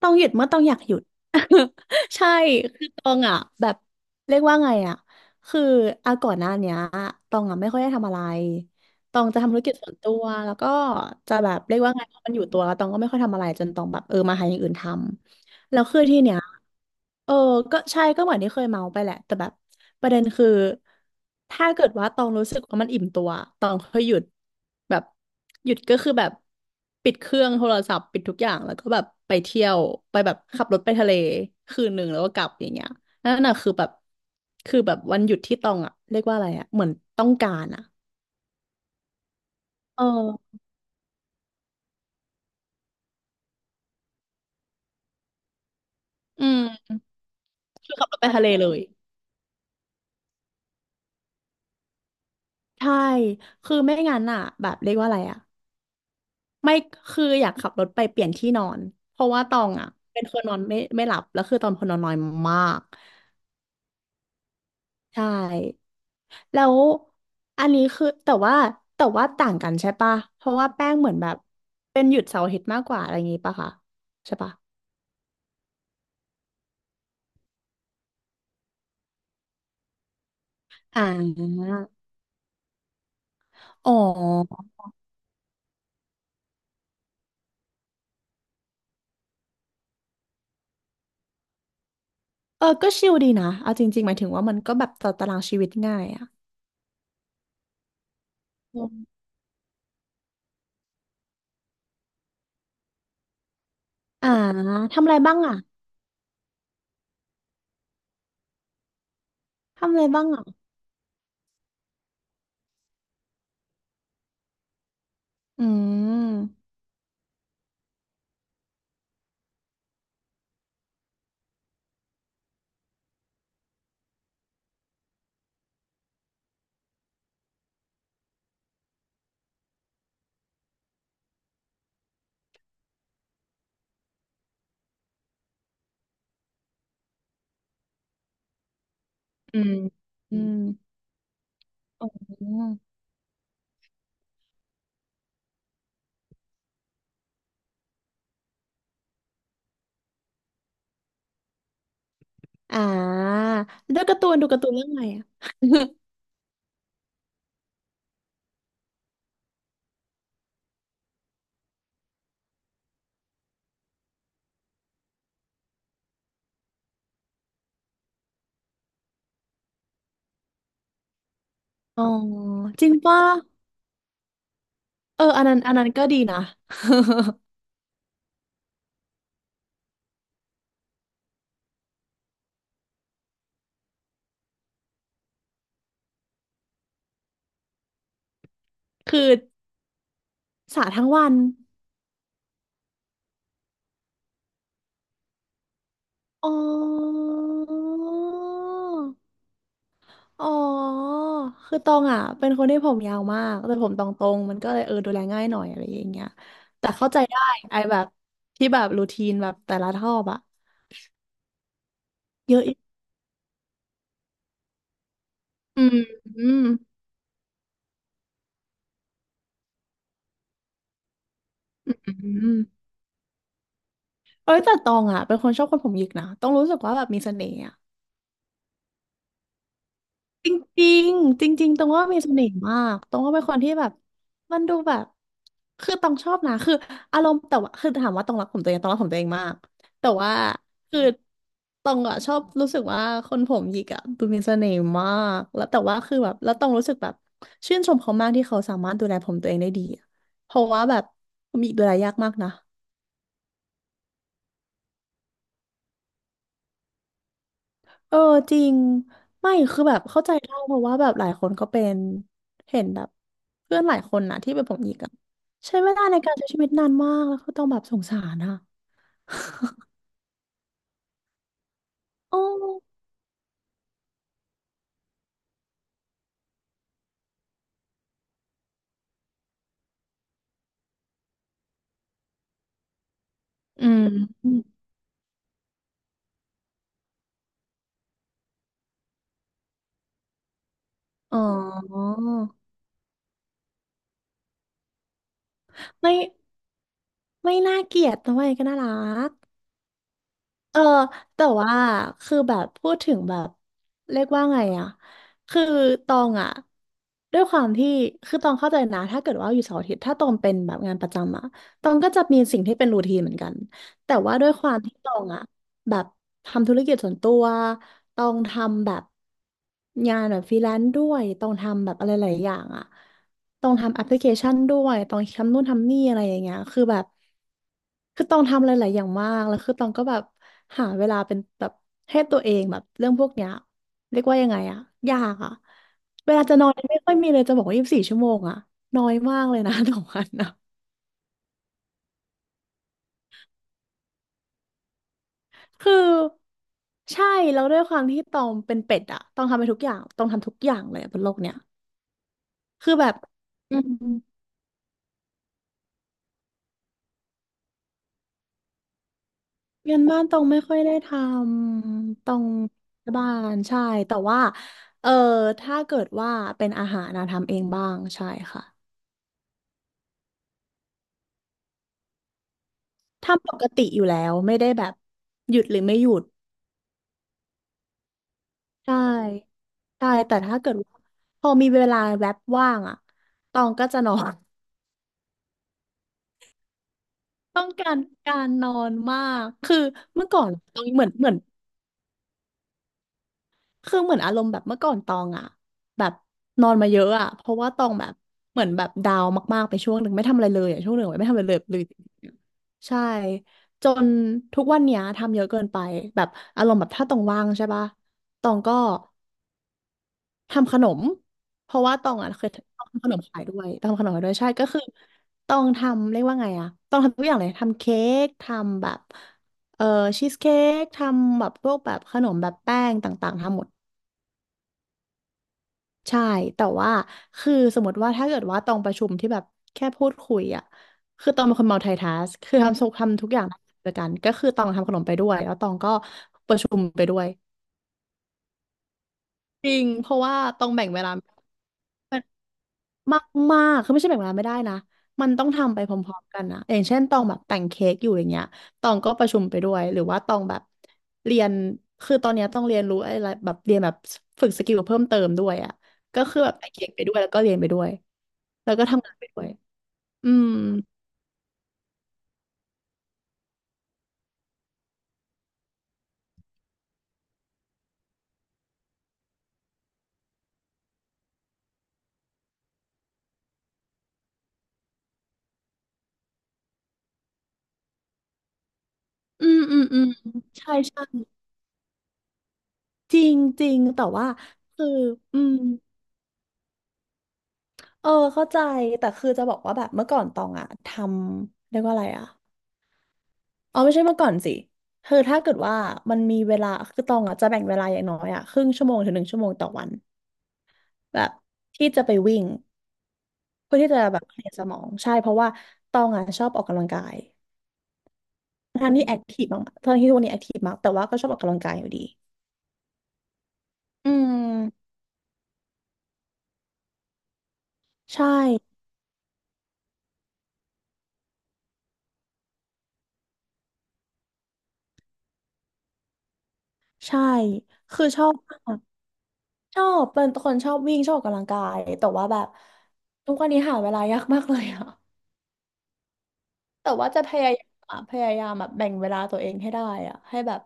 ต้องหยุดเมื่อต้องอยากหยุด ใช่คือตองอ่ะแบบเรียกว่าไงอ่ะคืออาก่อนหน้าเนี้ยตองอ่ะไม่ค่อยได้ทำอะไรตองจะทำธุรกิจส่วนตัวแล้วก็จะแบบเรียกว่าไงพอมันอยู่ตัวแล้วตองก็ไม่ค่อยทำอะไรจนตองแบบมาหาอย่างอื่นทำแล้วคือที่เนี้ย เออก็ใช่ก็เหมือนที่เคยเมาไปแหละแต่แบบประเด็นคือถ้าเกิดว่าตองรู้สึกว่ามันอิ่มตัวตองค่อยหยุดแบบหยุดก็คือแบบปิดเครื่องโทรศัพท์ปิดทุกอย่างแล้วก็แบบไปเที่ยวไปแบบขับรถไปทะเลคืนหนึ่งแล้วก็กลับอย่างเงี้ยนั่นน่ะคือแบบคือแบบวันหยุดที่ตองอะเรียกว่าอะไรอะเหมือนต้องการอะเอออืมคือขับรถไปทะเลเลยใช่คือไม่งั้นอ่ะแบบเรียกว่าอะไรอ่ะ ไม่คืออยากขับรถไปเปลี่ยนที่นอนเพราะว่าตองอ่ะเป็นคนนอนไม่หลับแล้วคือตอนคนนอนน้อยมากใช่แล้วอันนี้คือแต่ว่าแต่ว่าต่างกันใช่ปะเพราะว่าแป้งเหมือนแบบเป็นหยุดเสาร์อาทิตย์มากกว่าอะไรอย่างงี้ปะคะใช่ปะอ่าอ๋อก็ชิลดีนะเอาจริงๆหมายถึงว่ามันก็แบบต่อตารางชีวิตง่ายอ่ะอืมอ่าทำอะไรบ้างอ่ะทำอะไรบ้างอ่ะอืมอืมอืมอ๋อ อ่าแล้วการ์ตูนดูการ์ตูนเรื่องอะไรอ่ะ อ๋อจริงป่ะอันนั้นอันนั้นก็ดีนะคือสาทั้งวันอ๋ออ๋อคือตองอ่ะเป็นคนที่ผมยาวมากแต่ผมตองตรงมันก็เลยดูแลง่ายหน่อยอะไรอย่างเงี้ยแต่เข้าใจได้ไอ้แบบที่แบบรูทีนแบบแต่ละทอบอะเยอะอืมอืมอืมเอ้ยแต่ตองอ่ะเป็นคนชอบคนผมหยิกนะต้องรู้สึกว่าแบบมีเสน่ห์ จริงๆจริงๆตรงว่ามีเสน่ห์มากตรงว่าเป็นคนที่แบบมันดูแบบคือต้องชอบนะคืออารมณ์แต่ว่าคือถามว่าตรงรักผมตัวเองตรงรักผมตัวเองมากแต่ว่าคือตรงอะชอบรู้สึกว่าคนผมหยิกอะดูมีเสน่ห์มากแล้วแต่ว่าคือแบบแล้วตรงรู้สึกแบบชื่นชมเขามากที่เขาสามารถดูแลผมตัวเองได้ดีอะเพราะว่าแบบผมหยิกดูแลยากมากนะ เออจริงไม่คือแบบเข้าใจได้เพราะว่าแบบหลายคนก็เป็นเห็นแบบเพื่อนหลายคนนะที่เป็นผมหยิกอะใช้เวลาในการใช้ชีวิตนานมากแล้วก็ต้องแบบสงสารอะโอ้อืมอมอ๋อไม่ไม่น่าเกลียดทำไมก็น่ารัก เออแต่ว่าคือแบบพูดถึงแบบเรียกว่าไงอะคือตองอะด้วยความที่คือตองเข้าใจนะถ้าเกิดว่าอยู่เสาร์อาทิตย์ถ้าตองเป็นแบบงานประจำอะตองก็จะมีสิ่งที่เป็นรูทีนเหมือนกันแต่ว่าด้วยความที่ตองอะแบบทำธุรกิจส่วนตัวตองทำแบบงานแบบฟรีแลนซ์ด้วยตองทำแบบอะไรหลายอย่างอะตองทำแอปพลิเคชันด้วยตองทำนู่นทำนี่อะไรอย่างเงี้ยคือแบบ คือต้องทำหลายๆอย่างมากแล้วคือต้องก็แบบหาเวลาเป็นแบบให้ตัวเองแบบเรื่องพวกเนี้ยเรียกว่ายังไงอะยากอะเวลาจะนอนไม่ค่อยมีเลยจะบอกว่า24 ชั่วโมงอะน้อยมากเลยนะ ต่อวันนะ คือใช่แล้วด้วยความที่ตองเป็นเป็ดอะต้องทำไปทุกอย่างต้องทำทุกอย่างเลยอะบนโลกเนี้ยคือแบบอืม งานบ้านตรงไม่ค่อยได้ทำตรงบ้านใช่แต่ว่าเออถ้าเกิดว่าเป็นอาหารนะทำเองบ้างใช่ค่ะทำปกติอยู่แล้วไม่ได้แบบหยุดหรือไม่หยุดใช่ใช่แต่ถ้าเกิดว่าพอมีเวลาแวบว่างอ่ะตองก็จะนอน ต้องการการนอนมากคือเมื่อก่อนตองเหมือน คือเหมือนอารมณ์แบบเมื่อก่อนตองอะแบบนอนมาเยอะอะเพราะว่าตองแบบเหมือนแบบดาวน์มากๆไปช่วงหนึ่งไม่ทำอะไรเลยอะช่วงหนึ่งไม่ทำอะไรเลยใช่จนทุกวันเนี้ยทำเยอะเกินไปแบบอารมณ์แบบถ้าตองว่างใช่ปะตองก็ทำขนมเพราะว่าตองอะเคยตองทำขนมขายด้วยตองทำขนมขายด้วยใช่ก็คือตองทำเรียกว่าไงอะตองทำทุกอย่างเลยทำเค้กทำแบบเอ่อชีสเค้กทำแบบพวกแบบขนมแบบแป้งต่างๆทำหมด ใช่ แต่ว่า คือสมมติว่า ถ้าเกิดว่า ตองประชุมที่แบบ แค่พูดคุยอ่ะคือตองเป็นคน multitask คือทำทุกอย่างด้วยกันก็คือตองทำขนมไปด้วย แล้วตองก็ประชุมไปด้วย จริงเพราะว่าตองแบ่งเวลา มากมากคือไม่ใช่แบ่งเวลาไม่ได้นะมันต้องทำไปพร้อมๆกันนะอย่างเช่นตองแบบแต่งเค้กอยู่อย่างเงี้ยตองก็ประชุมไปด้วยหรือว่าตองแบบเรียนคือตอนเนี้ยต้องเรียนรู้อะไรแบบเรียนแบบฝึกสกิลเพิ่มเติมด้วยอ่ะก็คือแบบแต่งเค้กไปด้วยแล้วก็เรียนไปด้วยแล้วก็ทำงานไปด้วยอืมอืมอืมอืมใช่ใช่จริงจริงแต่ว่าคืออืมเออเข้าใจแต่คือจะบอกว่าแบบเมื่อก่อนตองอะทำเรียกว่าอะไรอะ อ๋อไม่ใช่เมื่อก่อนสิคือถ้าเกิดว่ามันมีเวลาคือตองอ่ะจะแบ่งเวลาอย่างน้อยอ่ะครึ่งชั่วโมงถึงหนึ่งชั่วโมงต่อวันแบบที่จะไปวิ่งเพื่อที่จะแบบเคลียร์สมองใช่เพราะว่าตองอ่ะชอบออกกำลังกายทั้งที่แอคทีฟมากทั้งที่ทุกวันนี้แอคทีฟมากแต่ว่าก็ชอบออกกำลังกายอยู่ดีอืมใช่ใช่คือชอบชอบเป็นคนชอบวิ่งชอบออกกำลังกายแต่ว่าแบบทุกวันนี้หาเวลายากมากเลยอ่ะแต่ว่าจะพยายามอะพยายามแบบแบ่งเวลาตัวเองให้ได้อะให้แบบ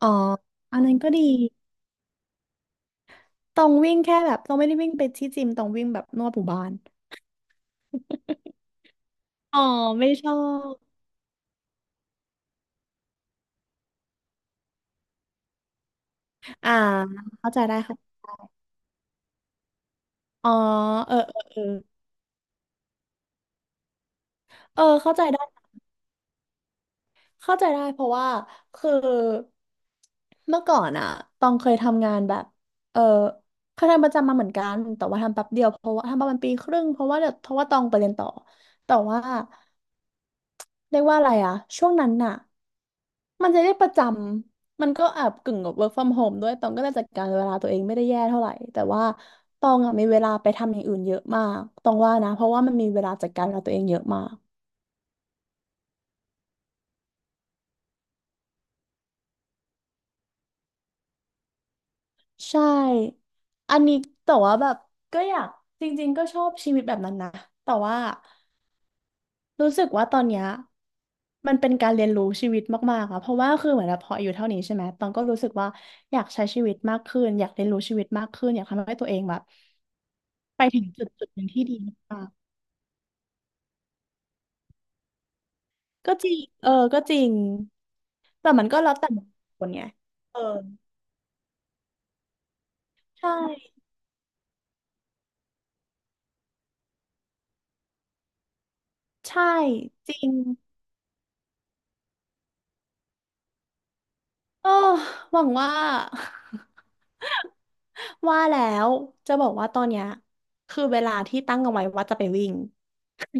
อ๋ออันนั้นก็ดีต้องวิ่งแค่แบบต้องไม่ได้วิ่งไปที่จิมต้องวิ่งแบบนวดหมู่บ้านอ๋อไม่ชอบอ่าเข้าใจได้ค่ะอ๋อเออเออเออเออเข้าใจได้เข้าใจได้เพราะว่าคือเมื่อก่อนอะตองเคยทำงานแบบเออเคยทำประจำมาเหมือนกัน แต่ว่าทำแป๊บเดียวเพราะว่าทำประมาณปีครึ่งเพราะว่าเดี๋ยวเพราะว่าตองไปเรียนต่อแต่ว่าเรียกว่าอะไรอะช่วงนั้นน่ะ มันจะได้ประจำ มันก็แอบกึ่งกับ work from home ด้วย ตองก็จะจัดการเวลาตัวเองไม่ได้แย่เท่าไหร่แต่ว่าตองอะมีเวลาไปทำอย่างอื่นเยอะมากตองว่านะเพราะว่ามันมีเวลาจัดการเวลาตัวเองเยอะมากใช่ อันนี้แต่ว่าแบบก็อยากจริงๆก็ชอบชีวิตแบบนั้นนะแต่ว่ารู้สึกว่าตอนเนี้ยมันเป็นการเรียนรู้ชีวิตมากๆอะเพราะว่าคือเหมือนแบบพออาย่เท่านี้ใช่ไหมตองก็รู้สึกว่าอยากใช้ชีวิตมากขึ้นอยากเรียนรู้ชีวิตมากขึ้นอยากทำให้ตัวเองแบบไปถึงจุดจุดหนึ่งที่ดีมาก ก็จริง เออก็จริง แต่มันก็แล้วแต่คนไงเออใช่ใช่ จริงเออหวังว่า ว่าแล้ว จะบอกว่าตอนเนี้ยคือเวลาที่ตั้งเอาไว้ว่าจะไปวิ่ง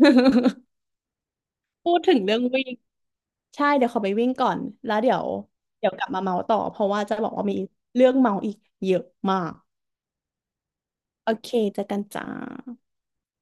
พูดถึงเรื่องวิ่งใช่ เดี๋ยวขอไปวิ่งก่อนแล้วเดี๋ยว เดี๋ยวกลับมาเมาต่อเพราะว่าจะบอกว่ามีเรื่องเมาอีกเยอะมาก โอเคเจอกันจ้า